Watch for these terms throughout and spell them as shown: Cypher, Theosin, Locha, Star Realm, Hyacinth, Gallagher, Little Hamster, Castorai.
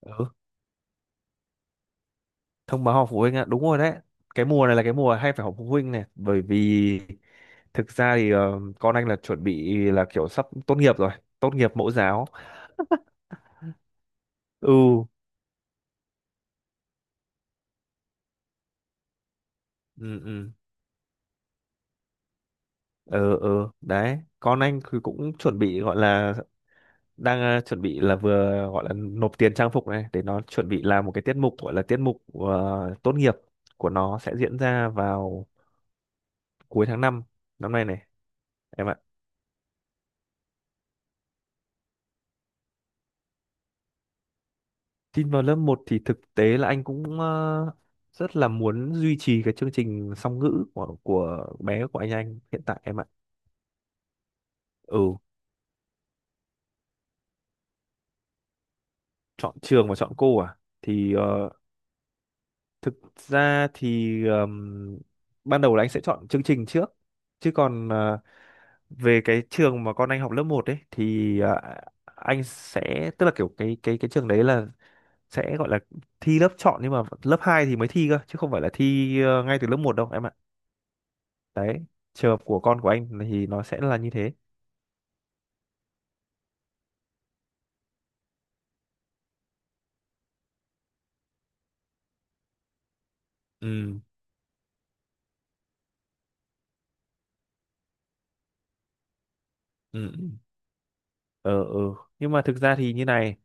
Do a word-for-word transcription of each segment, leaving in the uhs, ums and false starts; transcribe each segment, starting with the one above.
Ừ, thông báo họp phụ huynh ạ, đúng rồi đấy. Cái mùa này là cái mùa hay phải họp phụ huynh này, bởi vì thực ra thì ờ, con anh là chuẩn bị là kiểu sắp tốt nghiệp rồi, tốt nghiệp mẫu giáo. Ừ, ừ, ừ, ừ, ừ, đấy. Con anh thì cũng chuẩn bị gọi là đang ờ, chuẩn bị là vừa gọi là nộp tiền trang phục này để nó chuẩn bị làm một cái tiết mục gọi là tiết mục ờ, tốt nghiệp của nó sẽ diễn ra vào cuối tháng năm năm nay này em ạ. Tin vào lớp một thì thực tế là anh cũng ờ, rất là muốn duy trì cái chương trình song ngữ của của bé của anh anh hiện tại em ạ. Ừ, chọn trường và chọn cô à? Thì ờ, thực ra thì ờm, ban đầu là anh sẽ chọn chương trình trước. Chứ còn ờ, về cái trường mà con anh học lớp một ấy thì ờ, anh sẽ tức là kiểu cái cái cái trường đấy là sẽ gọi là thi lớp chọn nhưng mà lớp hai thì mới thi cơ chứ không phải là thi ờ, ngay từ lớp một đâu em ạ. Đấy, trường hợp của con của anh thì nó sẽ là như thế. Ừ, ừ, ừ, ờ ừ. Nhưng mà thực ra thì như này,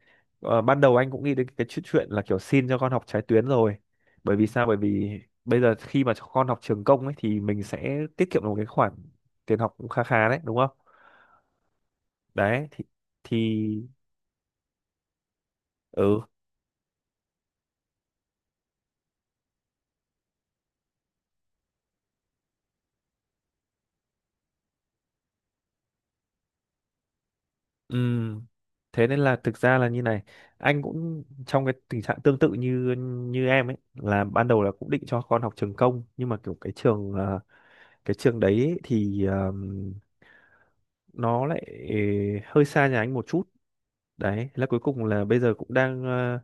ờ, ban đầu anh cũng nghĩ đến cái chuyện chuyện là kiểu xin cho con học trái tuyến rồi, bởi vì sao? Bởi vì bây giờ khi mà cho con học trường công ấy thì mình sẽ tiết kiệm được một cái khoản tiền học cũng khá khá đấy, đúng không? Đấy thì, thì ừ, ừ, thế nên là thực ra là như này, anh cũng trong cái tình trạng tương tự như như em ấy, là ban đầu là cũng định cho con học trường công nhưng mà kiểu cái trường ờ, cái trường đấy thì um, nó lại hơi xa nhà anh một chút. Đấy, thế là cuối cùng là bây giờ cũng đang ờ,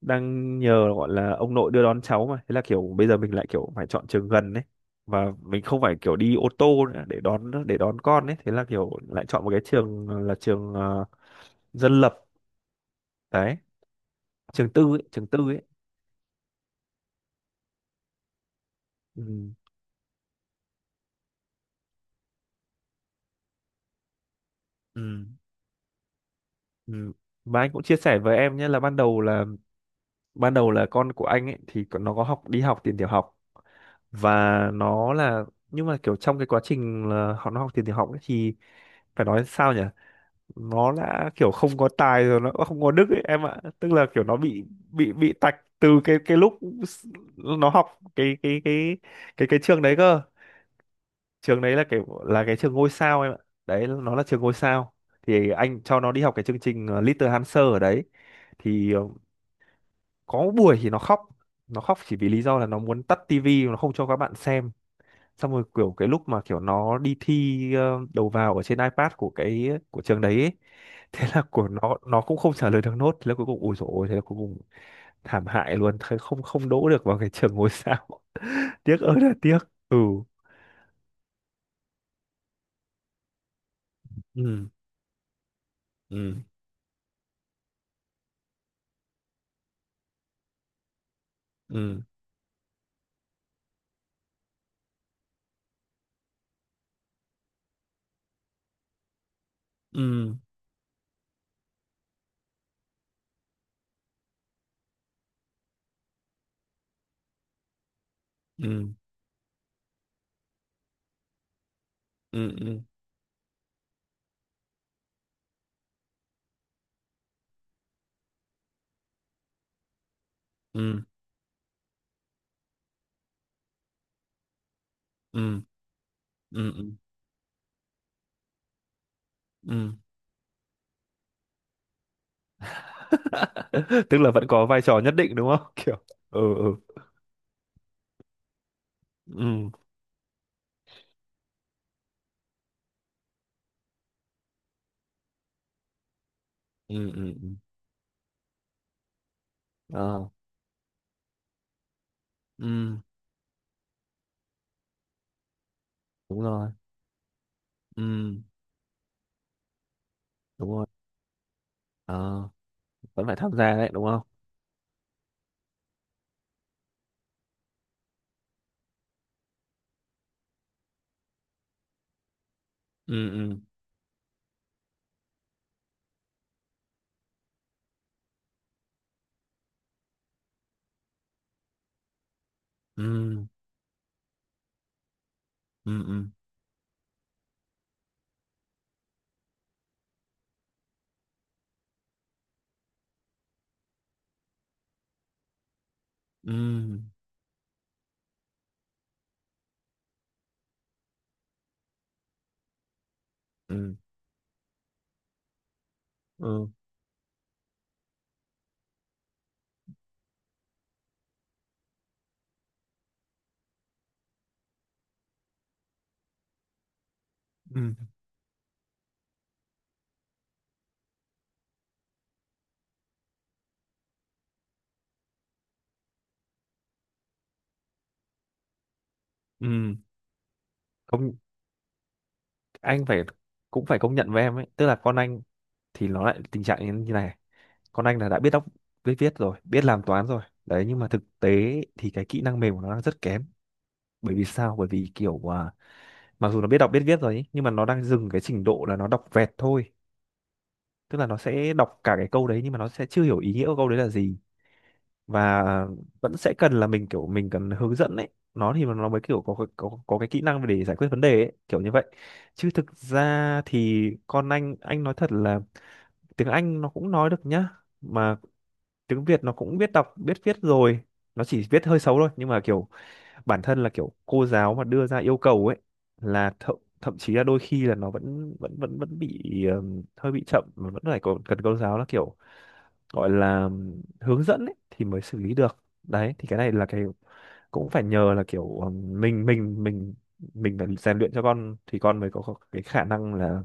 đang nhờ gọi là ông nội đưa đón cháu, mà thế là kiểu bây giờ mình lại kiểu phải chọn trường gần đấy và mình không phải kiểu đi ô tô nữa để đón để đón con ấy, thế là kiểu lại chọn một cái trường ờ, là trường ờ, dân lập đấy, trường tư ấy, trường tư ấy. Ừ. Ừ. Ừ. Và anh cũng chia sẻ với em nhé, là ban đầu là ban đầu là con của anh ấy thì nó có học đi học tiền tiểu học và nó là, nhưng mà kiểu trong cái quá trình là họ nó học tiền tiểu học ấy thì phải nói sao nhỉ, nó đã kiểu không có tài rồi nó cũng không có đức ấy em ạ, tức là kiểu nó bị bị bị tạch từ cái cái lúc s- nó học cái cái cái cái cái trường đấy cơ, trường đấy là kiểu là cái trường ngôi sao em ạ, đấy nó là trường ngôi sao. Thì anh cho nó đi học cái chương trình ờ, Little Hamster ở đấy, thì ờ, có buổi thì nó khóc nó khóc chỉ vì lý do là nó muốn tắt tivi, nó không cho các bạn xem, xong rồi kiểu cái lúc mà kiểu nó đi thi ờ, đầu vào ở trên iPad của cái của trường đấy ấy, thế là của nó nó cũng không trả lời được nốt, thế là cuối cùng ủi dồi ôi, thế là cuối cùng thảm hại luôn, thế không, không đỗ được vào cái trường ngôi sao. Tiếc ơi là tiếc. Ừ, ừ, ừ, ừ, ừ, ừ, ừ, ừ, ừ, ừ, ừ, ừ, ừ. Tức là vẫn có vai trò nhất định, đúng không? Kiểu. Ừ, ừ, ừ, ừ, ừ, ừ. Ờ, ừ, đúng rồi, ừ, đúng rồi. Ờ, vẫn phải tham gia đấy, đúng không? Ừ, ừ, ừ, ừ, ừ, ừ, ừ, ừ, ừ, ừ. Công anh phải cũng phải công nhận với em ấy, tức là con anh thì nó lại tình trạng như như này. Con anh là đã biết đọc biết viết rồi, biết làm toán rồi. Đấy, nhưng mà thực tế thì cái kỹ năng mềm của nó đang rất kém. Bởi vì sao? Bởi vì kiểu à, mặc dù nó biết đọc biết viết rồi ấy, nhưng mà nó đang dừng cái trình độ là nó đọc vẹt thôi. Tức là nó sẽ đọc cả cái câu đấy nhưng mà nó sẽ chưa hiểu ý nghĩa của câu đấy là gì. Và vẫn sẽ cần là mình kiểu mình cần hướng dẫn ấy, nó thì nó mới kiểu có cái- có có cái kỹ năng để giải quyết vấn đề ấy, kiểu như vậy. Chứ thực ra thì con anh anh nói thật là tiếng Anh nó cũng nói được nhá, mà tiếng Việt nó cũng biết đọc biết viết rồi, nó chỉ viết hơi xấu thôi, nhưng mà kiểu bản thân là kiểu cô giáo mà đưa ra yêu cầu ấy, là thậm thậm chí là đôi khi là nó vẫn vẫn vẫn vẫn bị ừm, hơi bị chậm mà vẫn phải còn cần cô giáo là kiểu gọi là ừm, hướng dẫn ấy, thì mới xử lý được. Đấy thì cái này là cái cũng phải nhờ là kiểu ừm, mình mình mình mình phải rèn luyện cho con thì con mới có, có cái khả năng là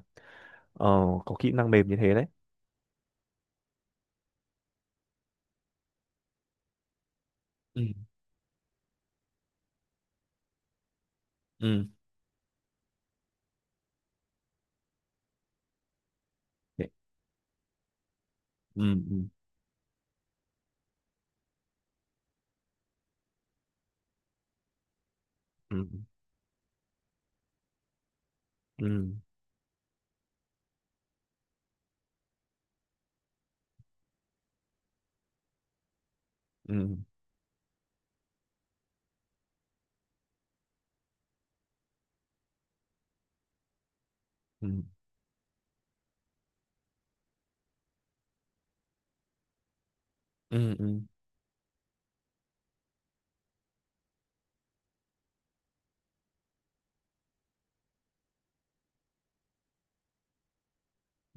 ờ, có kỹ năng mềm như thế đấy. Ừ, ừ. Đấy. Ừ, ừ, ừ, ừ, ừ, ừ, ừ, ừ,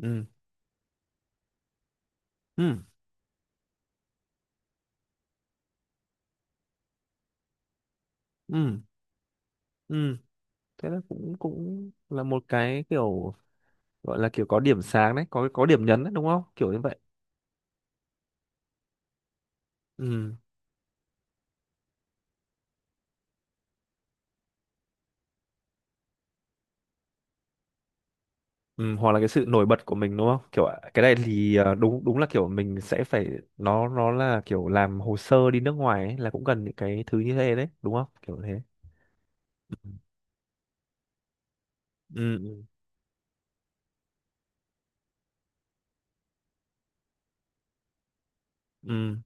ừ, ừ, ừ, ừ. Thế là cũng cũng là một cái kiểu gọi là kiểu có điểm sáng đấy, có có điểm nhấn đấy, đúng không, kiểu như vậy. Ừ. Ừ, hoặc là cái sự nổi bật của mình, đúng không kiểu à, cái này thì ờ, đúng, đúng là kiểu mình sẽ phải, nó nó là kiểu làm hồ sơ đi nước ngoài ấy, là cũng cần những cái thứ như thế đấy, đúng không kiểu thế. Ừ, ừ, ừ,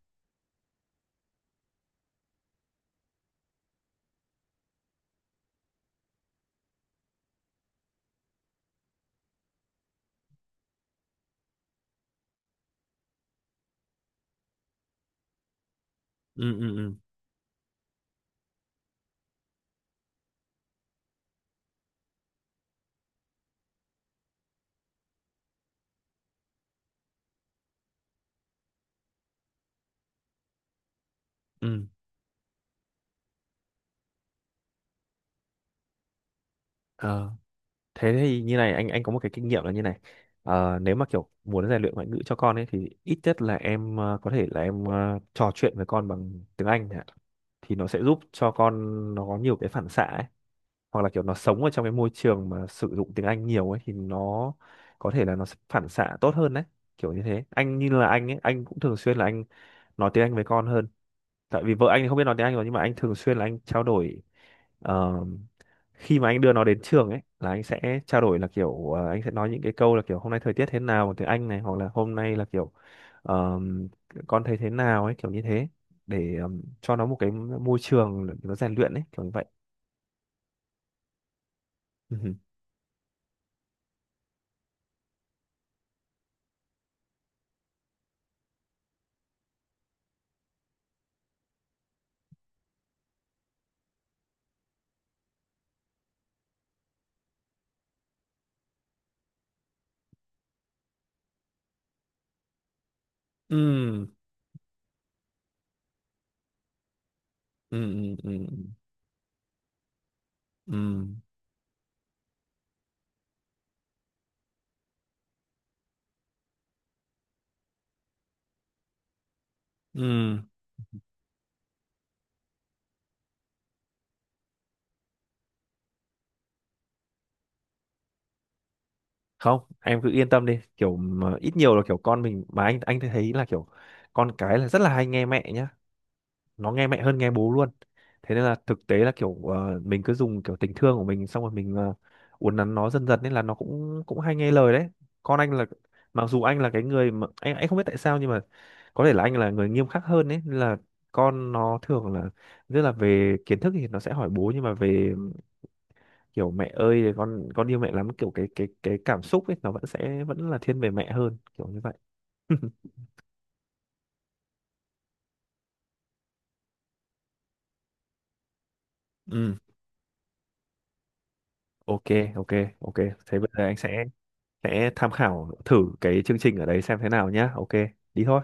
ừ, ừ, ừ, ừ. Ừ. Ờ. Thế thì như này anh anh có một cái kinh nghiệm là như này. Ờ, nếu mà kiểu muốn rèn luyện ngoại ngữ cho con ấy thì ít nhất là em ờ, có thể là em ờ, trò chuyện với con bằng tiếng Anh chẳng hạn. Thì nó sẽ giúp cho con, nó có nhiều cái phản xạ ấy, hoặc là kiểu nó sống ở trong cái môi trường mà sử dụng tiếng Anh nhiều ấy thì nó có thể là nó sẽ phản xạ tốt hơn đấy, kiểu như thế. Anh, như là anh ấy anh cũng thường xuyên là anh nói tiếng Anh với con hơn, tại vì vợ anh thì không biết nói tiếng Anh rồi nhưng mà anh thường xuyên là anh trao đổi ờ, khi mà anh đưa nó đến trường ấy là anh sẽ trao đổi là kiểu ờ, anh sẽ nói những cái câu là kiểu hôm nay thời tiết thế nào bằng tiếng Anh này, hoặc là hôm nay là kiểu ờ, con thấy thế nào ấy, kiểu như thế, để ờ, cho nó một cái môi trường để nó rèn luyện ấy, kiểu như vậy. Ừ, ừ, ừ, ừ, ừ, ừ, ừ. Không, em cứ yên tâm đi, kiểu mà ít nhiều là kiểu con mình, mà anh anh thấy là kiểu con cái là rất là hay nghe mẹ nhá, nó nghe mẹ hơn nghe bố luôn. Thế nên là thực tế là kiểu ờ, mình cứ dùng kiểu tình thương của mình xong rồi mình ờ, uốn nắn nó dần dần nên là nó cũng cũng hay nghe lời đấy. Con anh là, mặc dù anh là cái người mà anh anh không biết tại sao, nhưng mà có thể là anh là người nghiêm khắc hơn đấy, nên là con nó thường là rất là, về kiến thức thì nó sẽ hỏi bố, nhưng mà về kiểu mẹ ơi con con yêu mẹ lắm, kiểu cái cái cái cảm xúc ấy nó vẫn sẽ vẫn là thiên về mẹ hơn, kiểu như vậy. Ừ. OK, OK, OK. Thế bây giờ anh sẽ sẽ tham khảo thử cái chương trình ở đấy xem thế nào nhá. OK, đi thôi